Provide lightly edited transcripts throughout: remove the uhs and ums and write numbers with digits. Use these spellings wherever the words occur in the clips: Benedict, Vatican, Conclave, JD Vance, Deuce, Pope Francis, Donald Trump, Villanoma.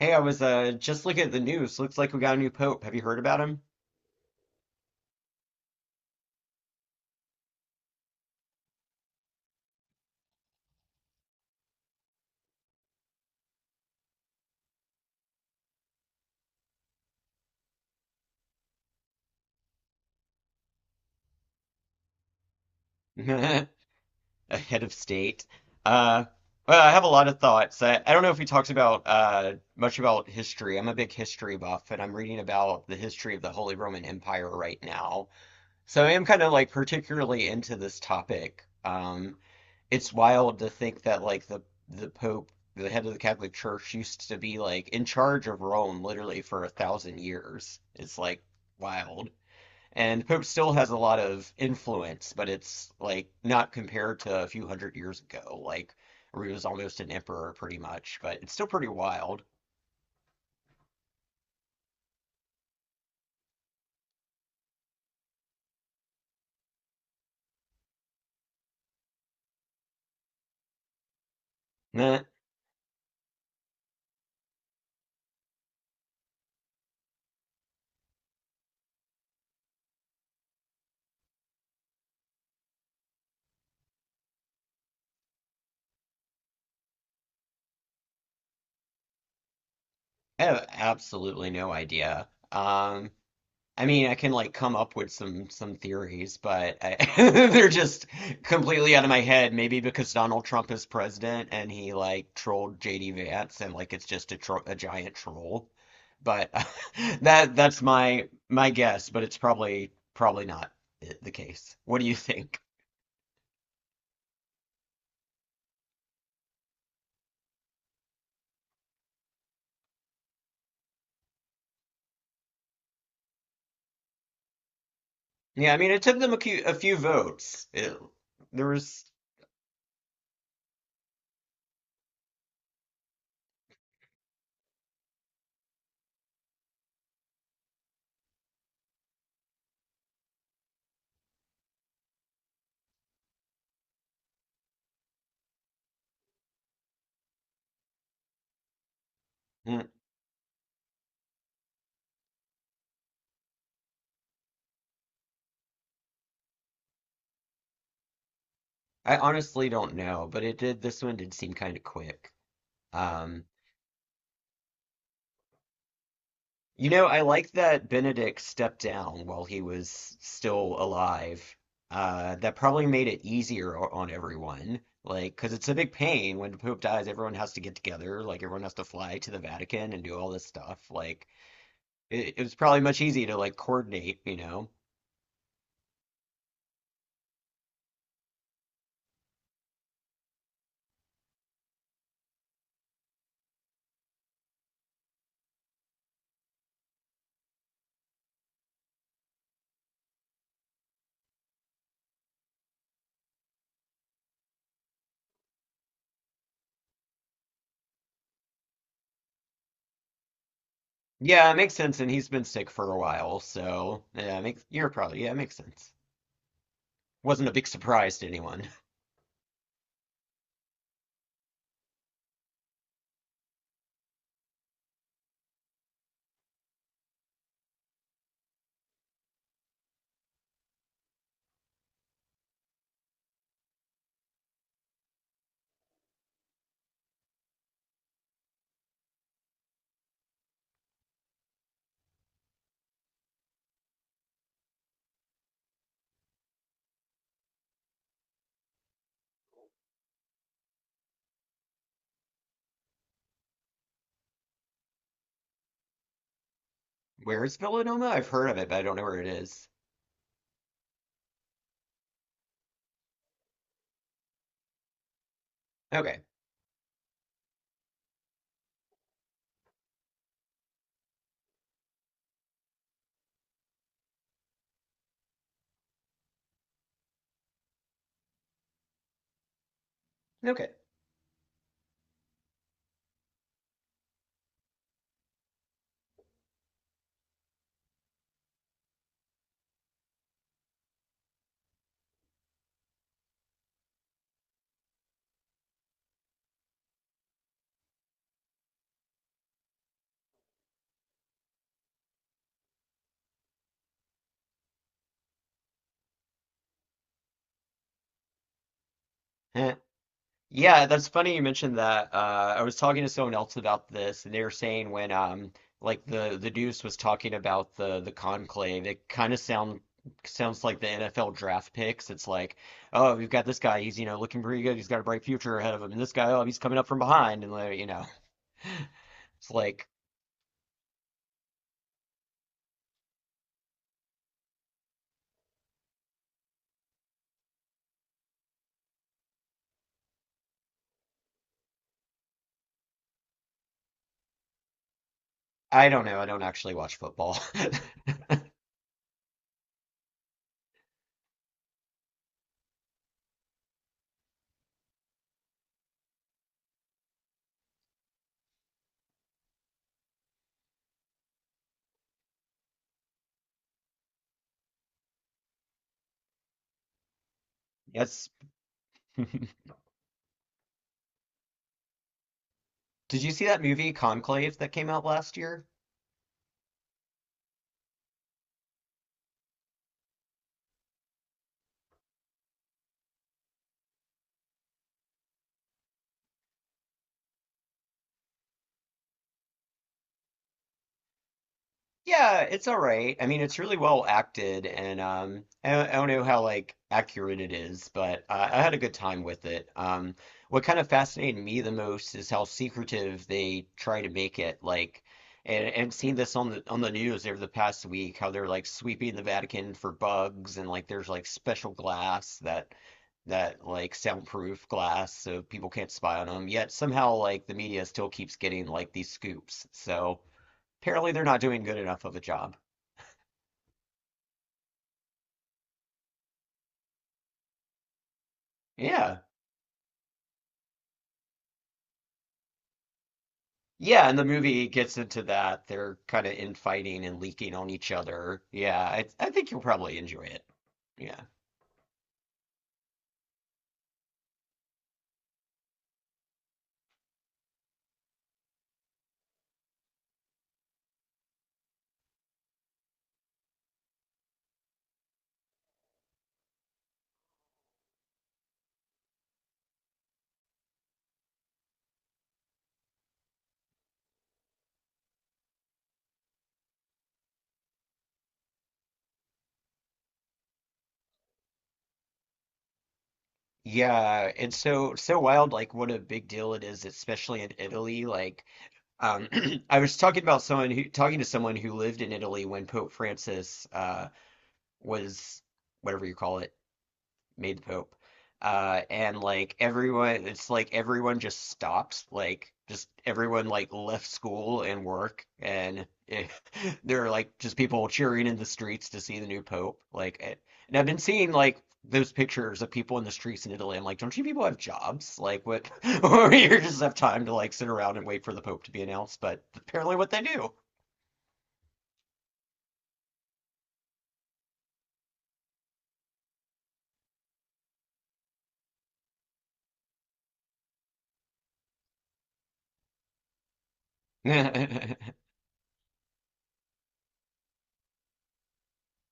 Hey, I was just looking at the news. Looks like we got a new pope. Have you heard about him? A head of state. Uh, well, I have a lot of thoughts. I don't know if he talks about much about history. I'm a big history buff, and I'm reading about the history of the Holy Roman Empire right now. So I am kind of like particularly into this topic. It's wild to think that like the Pope, the head of the Catholic Church, used to be like in charge of Rome literally for a thousand years. It's like wild. And the Pope still has a lot of influence, but it's like not compared to a few hundred years ago, like where he was almost an emperor pretty much, but it's still pretty wild. Nah, I have absolutely no idea. I mean, I can like come up with some theories, but they're just completely out of my head. Maybe because Donald Trump is president and he like trolled JD Vance and like it's just a giant troll. But that's my guess, but it's probably not the case. What do you think? Yeah, I mean, it took them a few votes. There was, mm, I honestly don't know, but it did. This one did seem kind of quick. Um, You know, I like that Benedict stepped down while he was still alive. That probably made it easier on everyone. Like, because it's a big pain when the Pope dies, everyone has to get together. Like, everyone has to fly to the Vatican and do all this stuff. Like, it was probably much easier to like coordinate, you know? Yeah, it makes sense. And he's been sick for a while, so yeah, it makes you're probably yeah, it makes sense. Wasn't a big surprise to anyone. Where is Villanoma? I've heard of it, but I don't know where it is. Okay, okay. Eh. Yeah, that's funny you mentioned that. I was talking to someone else about this, and they were saying when like the Deuce was talking about the conclave, it kind of sounds like the NFL draft picks. It's like, oh, we've got this guy, he's looking pretty good, he's got a bright future ahead of him, and this guy, oh, he's coming up from behind, and like, you know, it's like I don't know, I don't actually watch football. That's did you see that movie Conclave that came out last year? Yeah, it's all right. I mean, it's really well acted, and I don't know how like accurate it is, but I had a good time with it. What kind of fascinated me the most is how secretive they try to make it. Like, and seeing this on the news over the past week, how they're like sweeping the Vatican for bugs, and like there's like special glass that like soundproof glass so people can't spy on them. Yet somehow like the media still keeps getting like these scoops. So. Apparently, they're not doing good enough of a job. Yeah. Yeah, and the movie gets into that. They're kind of infighting and leaking on each other. Yeah, I think you'll probably enjoy it. Yeah. Yeah, and so wild like what a big deal it is, especially in Italy. Like um I was talking about someone who talking to someone who lived in Italy when Pope Francis was whatever you call it made the Pope. And like everyone, it's like everyone just stops, like just everyone like left school and work, and there are like just people cheering in the streets to see the new Pope. Like, eh, and I've been seeing like those pictures of people in the streets in Italy. I'm like, don't you people have jobs? Like, what? Or you just have time to like sit around and wait for the Pope to be announced? But apparently, what they do.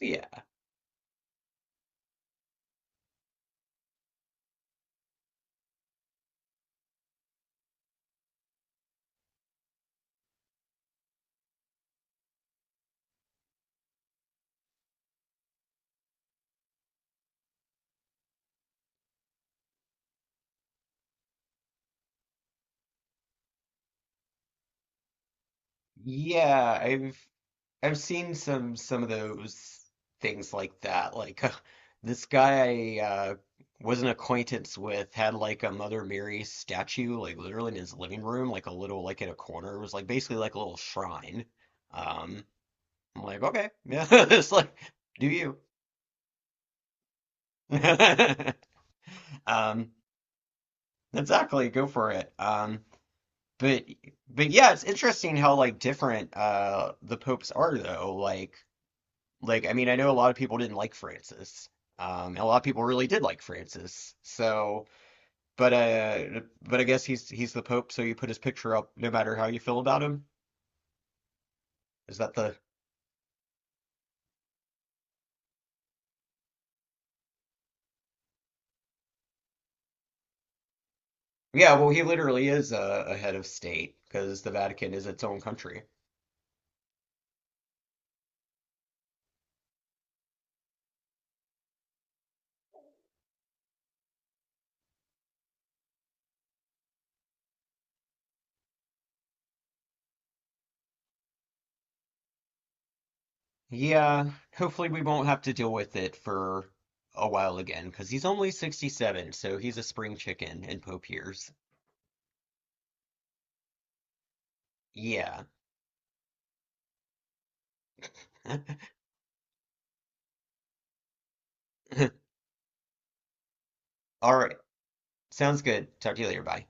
Yeah. Yeah, I've seen some of those things like that. Like this guy I was an acquaintance with had like a Mother Mary statue, like literally in his living room, like a little like in a corner. It was like basically like a little shrine. Um, I'm like, okay, yeah, it's like do you? Um, exactly, go for it. But but yeah, it's interesting how like different the popes are though. Like, I mean, I know a lot of people didn't like Francis. And a lot of people really did like Francis. So, but I guess he's the Pope, so you put his picture up no matter how you feel about him. Is that the? Yeah, well, he literally is a head of state because the Vatican is its own country. Yeah, hopefully we won't have to deal with it for a while again because he's only 67, so he's a spring chicken in Pope years. Yeah. All right. Sounds good. Talk to you later. Bye.